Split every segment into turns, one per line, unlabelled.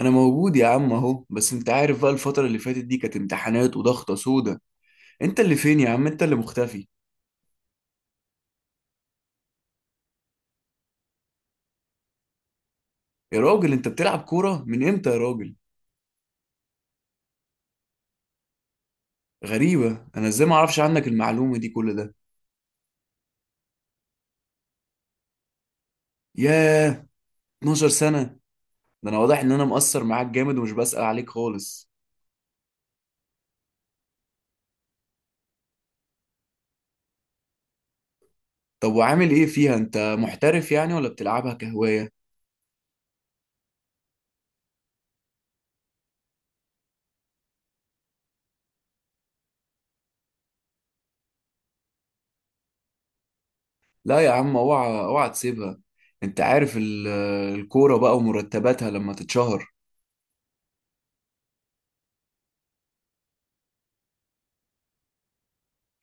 انا موجود يا عم اهو، بس انت عارف بقى الفترة اللي فاتت دي كانت امتحانات وضغطة سودة. انت اللي فين يا عم؟ انت اللي مختفي. يا راجل انت بتلعب كورة من امتى يا راجل؟ غريبة، انا ازاي ما اعرفش عنك المعلومة دي كل ده؟ ياه، 12 سنة! ده انا واضح ان انا مقصر معاك جامد ومش بسأل عليك خالص. طب وعامل ايه فيها؟ انت محترف يعني ولا بتلعبها كهواية؟ لا يا عم، اوعى اوعى تسيبها. انت عارف ال- الكورة بقى ومرتباتها لما تتشهر.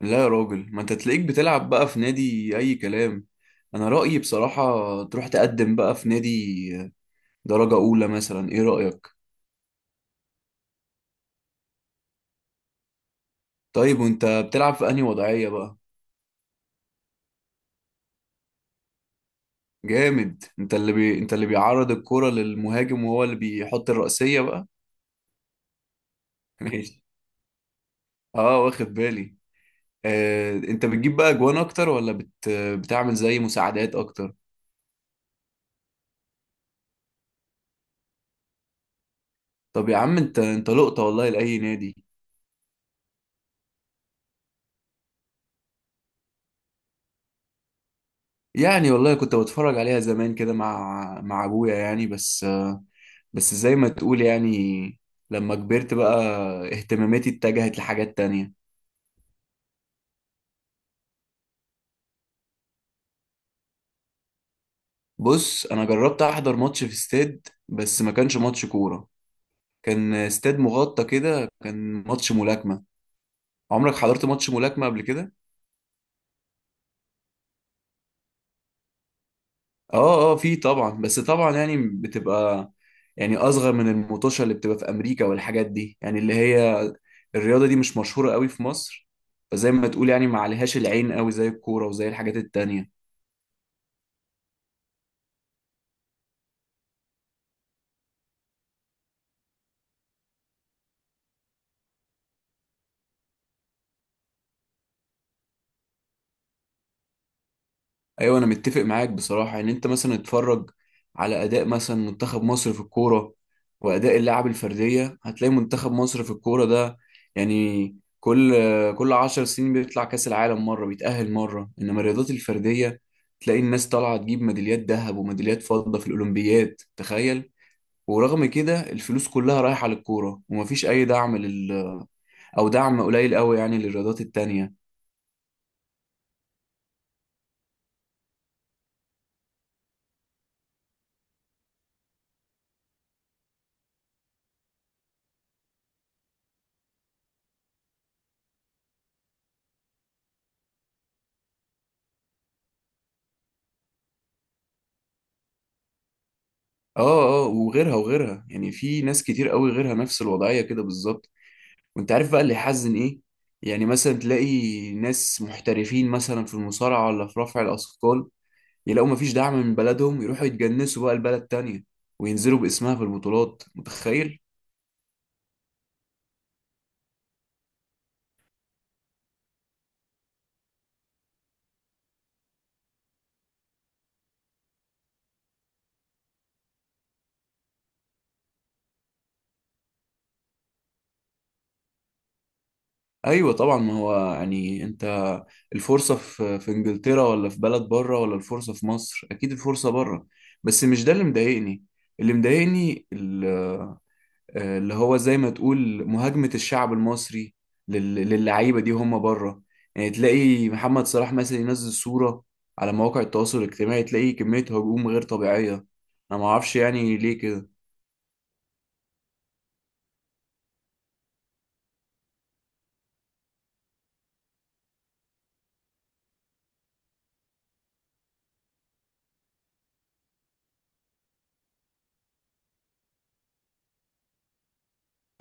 لا يا راجل، ما انت تلاقيك بتلعب بقى في نادي اي كلام. انا رأيي بصراحة تروح تقدم بقى في نادي درجة اولى مثلا، ايه رأيك؟ طيب وانت بتلعب في انهي وضعية بقى؟ جامد. انت اللي بيعرض الكرة للمهاجم وهو اللي بيحط الرأسية بقى. ماشي. اه، واخد بالي. انت بتجيب بقى اجوان اكتر ولا بتعمل زي مساعدات اكتر؟ طب يا عم، انت لقطة والله لأي نادي. يعني والله كنت بتفرج عليها زمان كده مع ابويا يعني، بس. بس زي ما تقول يعني، لما كبرت بقى اهتماماتي اتجهت لحاجات تانية. بص، انا جربت احضر ماتش في استاد بس ما كانش ماتش كورة. كان استاد مغطى كده، كان ماتش ملاكمة. عمرك حضرت ماتش ملاكمة قبل كده؟ اه اه، في طبعا. بس طبعا يعني بتبقى يعني اصغر من المطوشة اللي بتبقى في امريكا والحاجات دي، يعني اللي هي الرياضة دي مش مشهورة قوي في مصر. فزي ما تقول يعني ما عليهاش العين قوي زي الكورة وزي الحاجات التانية. ايوه، انا متفق معاك بصراحه ان انت مثلا اتفرج على اداء مثلا منتخب مصر في الكوره، واداء اللاعب الفرديه. هتلاقي منتخب مصر في الكوره ده، يعني كل 10 سنين بيطلع كاس العالم مره، بيتاهل مره. انما الرياضات الفرديه، تلاقي الناس طالعه تجيب ميداليات ذهب وميداليات فضه في الاولمبياد، تخيل! ورغم كده الفلوس كلها رايحه للكوره ومفيش اي دعم لل- او دعم قليل قوي يعني للرياضات التانيه. اه اه، وغيرها وغيرها، يعني في ناس كتير قوي غيرها نفس الوضعية كده بالظبط. وانت عارف بقى اللي يحزن ايه؟ يعني مثلا تلاقي ناس محترفين مثلا في المصارعة ولا في رفع الأثقال، يلاقوا مفيش دعم من بلدهم يروحوا يتجنسوا بقى لبلد تانية وينزلوا باسمها في البطولات، متخيل؟ ايوه طبعا، ما هو يعني انت الفرصة في انجلترا ولا في بلد بره ولا الفرصة في مصر، اكيد الفرصة بره. بس مش ده اللي مضايقني. اللي مضايقني، اللي هو زي ما تقول مهاجمة الشعب المصري لل- للعيبة دي هم بره. يعني تلاقي محمد صلاح مثلا ينزل صورة على مواقع التواصل الاجتماعي، تلاقي كمية هجوم غير طبيعية. انا ما اعرفش يعني ليه كده.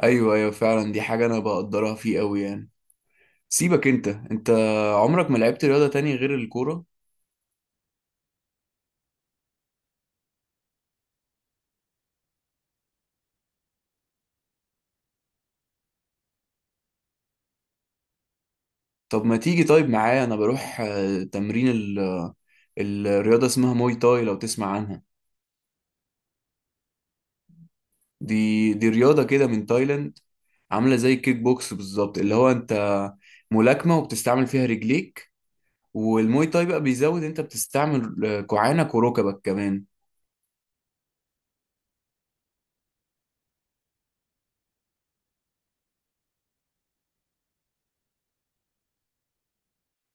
ايوه ايوه، فعلا دي حاجة انا بقدرها فيه قوي يعني. سيبك انت. انت عمرك ما لعبت رياضة تاني غير الكورة؟ طب ما تيجي طيب معايا، انا بروح تمرين ال- الرياضة اسمها موي تاي، لو تسمع عنها. دي رياضة كده من تايلاند، عاملة زي الكيك بوكس بالظبط، اللي هو انت ملاكمة وبتستعمل فيها رجليك. والموي تاي بقى بيزود، انت بتستعمل كوعانك وركبك كمان.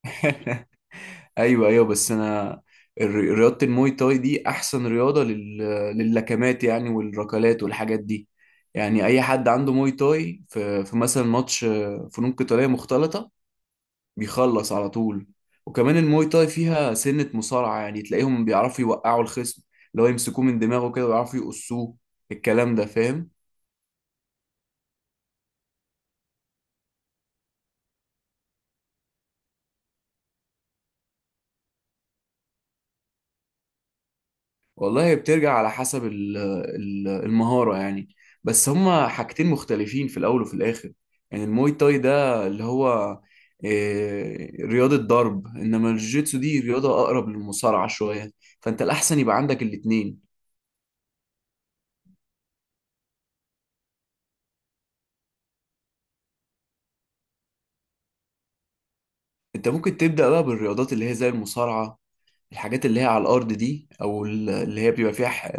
ايوه ايوه، بس انا رياضة الموي تاي دي احسن رياضة لللكمات يعني والركلات والحاجات دي. يعني اي حد عنده موي تاي في مثلا ماتش فنون قتالية مختلطة، بيخلص على طول. وكمان الموي تاي فيها سنة مصارعة، يعني تلاقيهم بيعرفوا يوقعوا الخصم، اللي هو يمسكوه من دماغه كده ويعرفوا يقصوه. الكلام ده فاهم؟ والله هي بترجع على حسب ال- المهارة يعني. بس هما حاجتين مختلفين في الأول وفي الآخر. يعني الموي تاي ده اللي هو رياضة ضرب، إنما الجوجيتسو دي رياضة أقرب للمصارعة شوية. فأنت الأحسن يبقى عندك الاتنين. أنت ممكن تبدأ بقى بالرياضات اللي هي زي المصارعة، الحاجات اللي هي على الارض دي، او ال- اللي هي بيبقى فيها ح-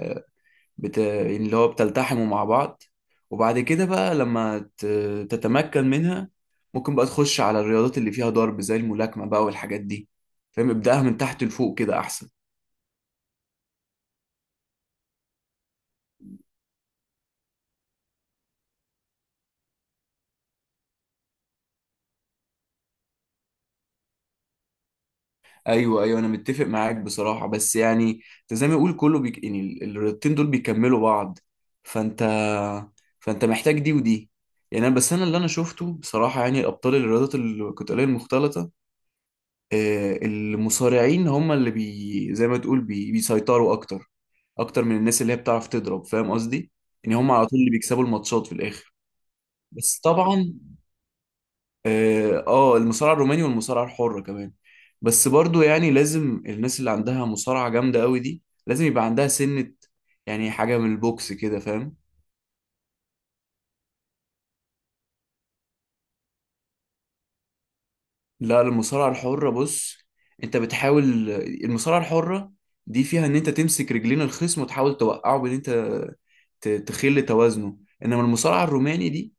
بت... يعني اللي هو بتلتحموا مع بعض. وبعد كده بقى لما تتمكن منها، ممكن بقى تخش على الرياضات اللي فيها ضرب زي الملاكمة بقى والحاجات دي. فاهم، ابدأها من تحت لفوق كده احسن. ايوه ايوه، انا متفق معاك بصراحة، بس يعني انت زي ما يقول كله يعني الرياضتين دول بيكملوا بعض. فانت فانت محتاج دي ودي. يعني انا بس انا اللي انا شفته بصراحة، يعني الابطال الرياضات القتالية المختلطة المصارعين هم اللي زي ما تقول بيسيطروا اكتر، اكتر من الناس اللي هي بتعرف تضرب. فاهم قصدي؟ يعني هم على طول اللي بيكسبوا الماتشات في الاخر. بس طبعا، اه، المصارعه الروماني والمصارعه الحره كمان. بس برضو يعني لازم الناس اللي عندها مصارعه جامده قوي دي لازم يبقى عندها سنه، يعني حاجه من البوكس كده، فاهم. لا، المصارعة الحرة بص، انت بتحاول. المصارعة الحرة دي فيها ان انت تمسك رجلين الخصم وتحاول توقعه بان انت تخل توازنه. انما المصارعة الروماني دي،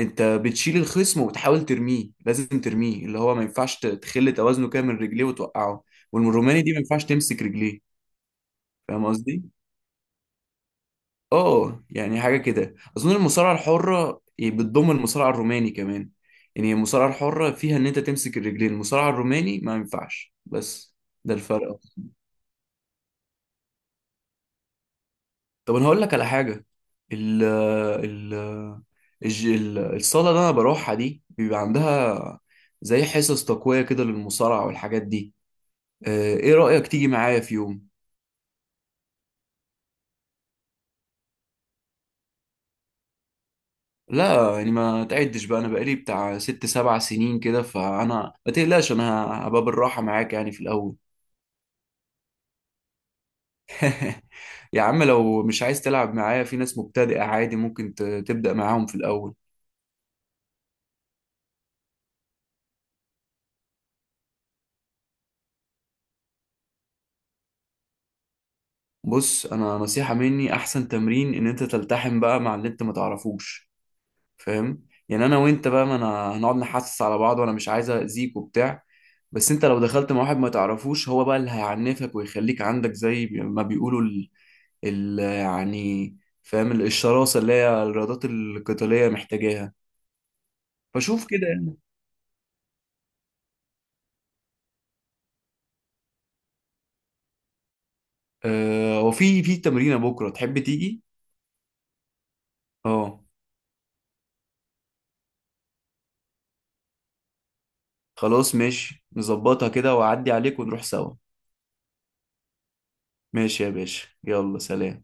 انت بتشيل الخصم وبتحاول ترميه، لازم ترميه، اللي هو ما ينفعش تخل توازنه كده من رجليه وتوقعه. والروماني دي ما ينفعش تمسك رجليه. فاهم قصدي؟ اه، يعني حاجة كده. أظن المصارعة الحرة بتضم المصارعة الروماني كمان، يعني المصارعة الحرة فيها إن أنت تمسك الرجلين، المصارعة الروماني ما ينفعش. بس ده الفرق. طب أنا هقول لك على حاجة. ال ال الصالة اللي أنا بروحها دي بيبقى عندها زي حصص تقوية كده للمصارعة والحاجات دي. إيه رأيك تيجي معايا في يوم؟ لا يعني ما تعدش بقى، أنا بقالي بتاع 6 7 سنين كده، فأنا ما تقلقش، أنا هبقى بالراحة معاك يعني في الأول. يا عم لو مش عايز تلعب معايا، في ناس مبتدئة عادي، ممكن تبدأ معاهم في الأول. بص، أنا نصيحة مني، أحسن تمرين إن أنت تلتحم بقى مع اللي أنت ما تعرفوش. فاهم يعني أنا وأنت بقى، ما أنا هنقعد نحسس على بعض وأنا مش عايز أذيك وبتاع. بس أنت لو دخلت مع واحد ما تعرفوش هو بقى اللي هيعنفك ويخليك عندك زي ما بيقولوا يعني، فاهم، الشراسة اللي هي الرياضات القتالية محتاجاها. فشوف كده يعني. أه، وفي تمرينة بكرة تحب تيجي؟ اه، خلاص ماشي، نظبطها كده وأعدي عليك ونروح سوا. ماشي يا باشا، يلا سلام.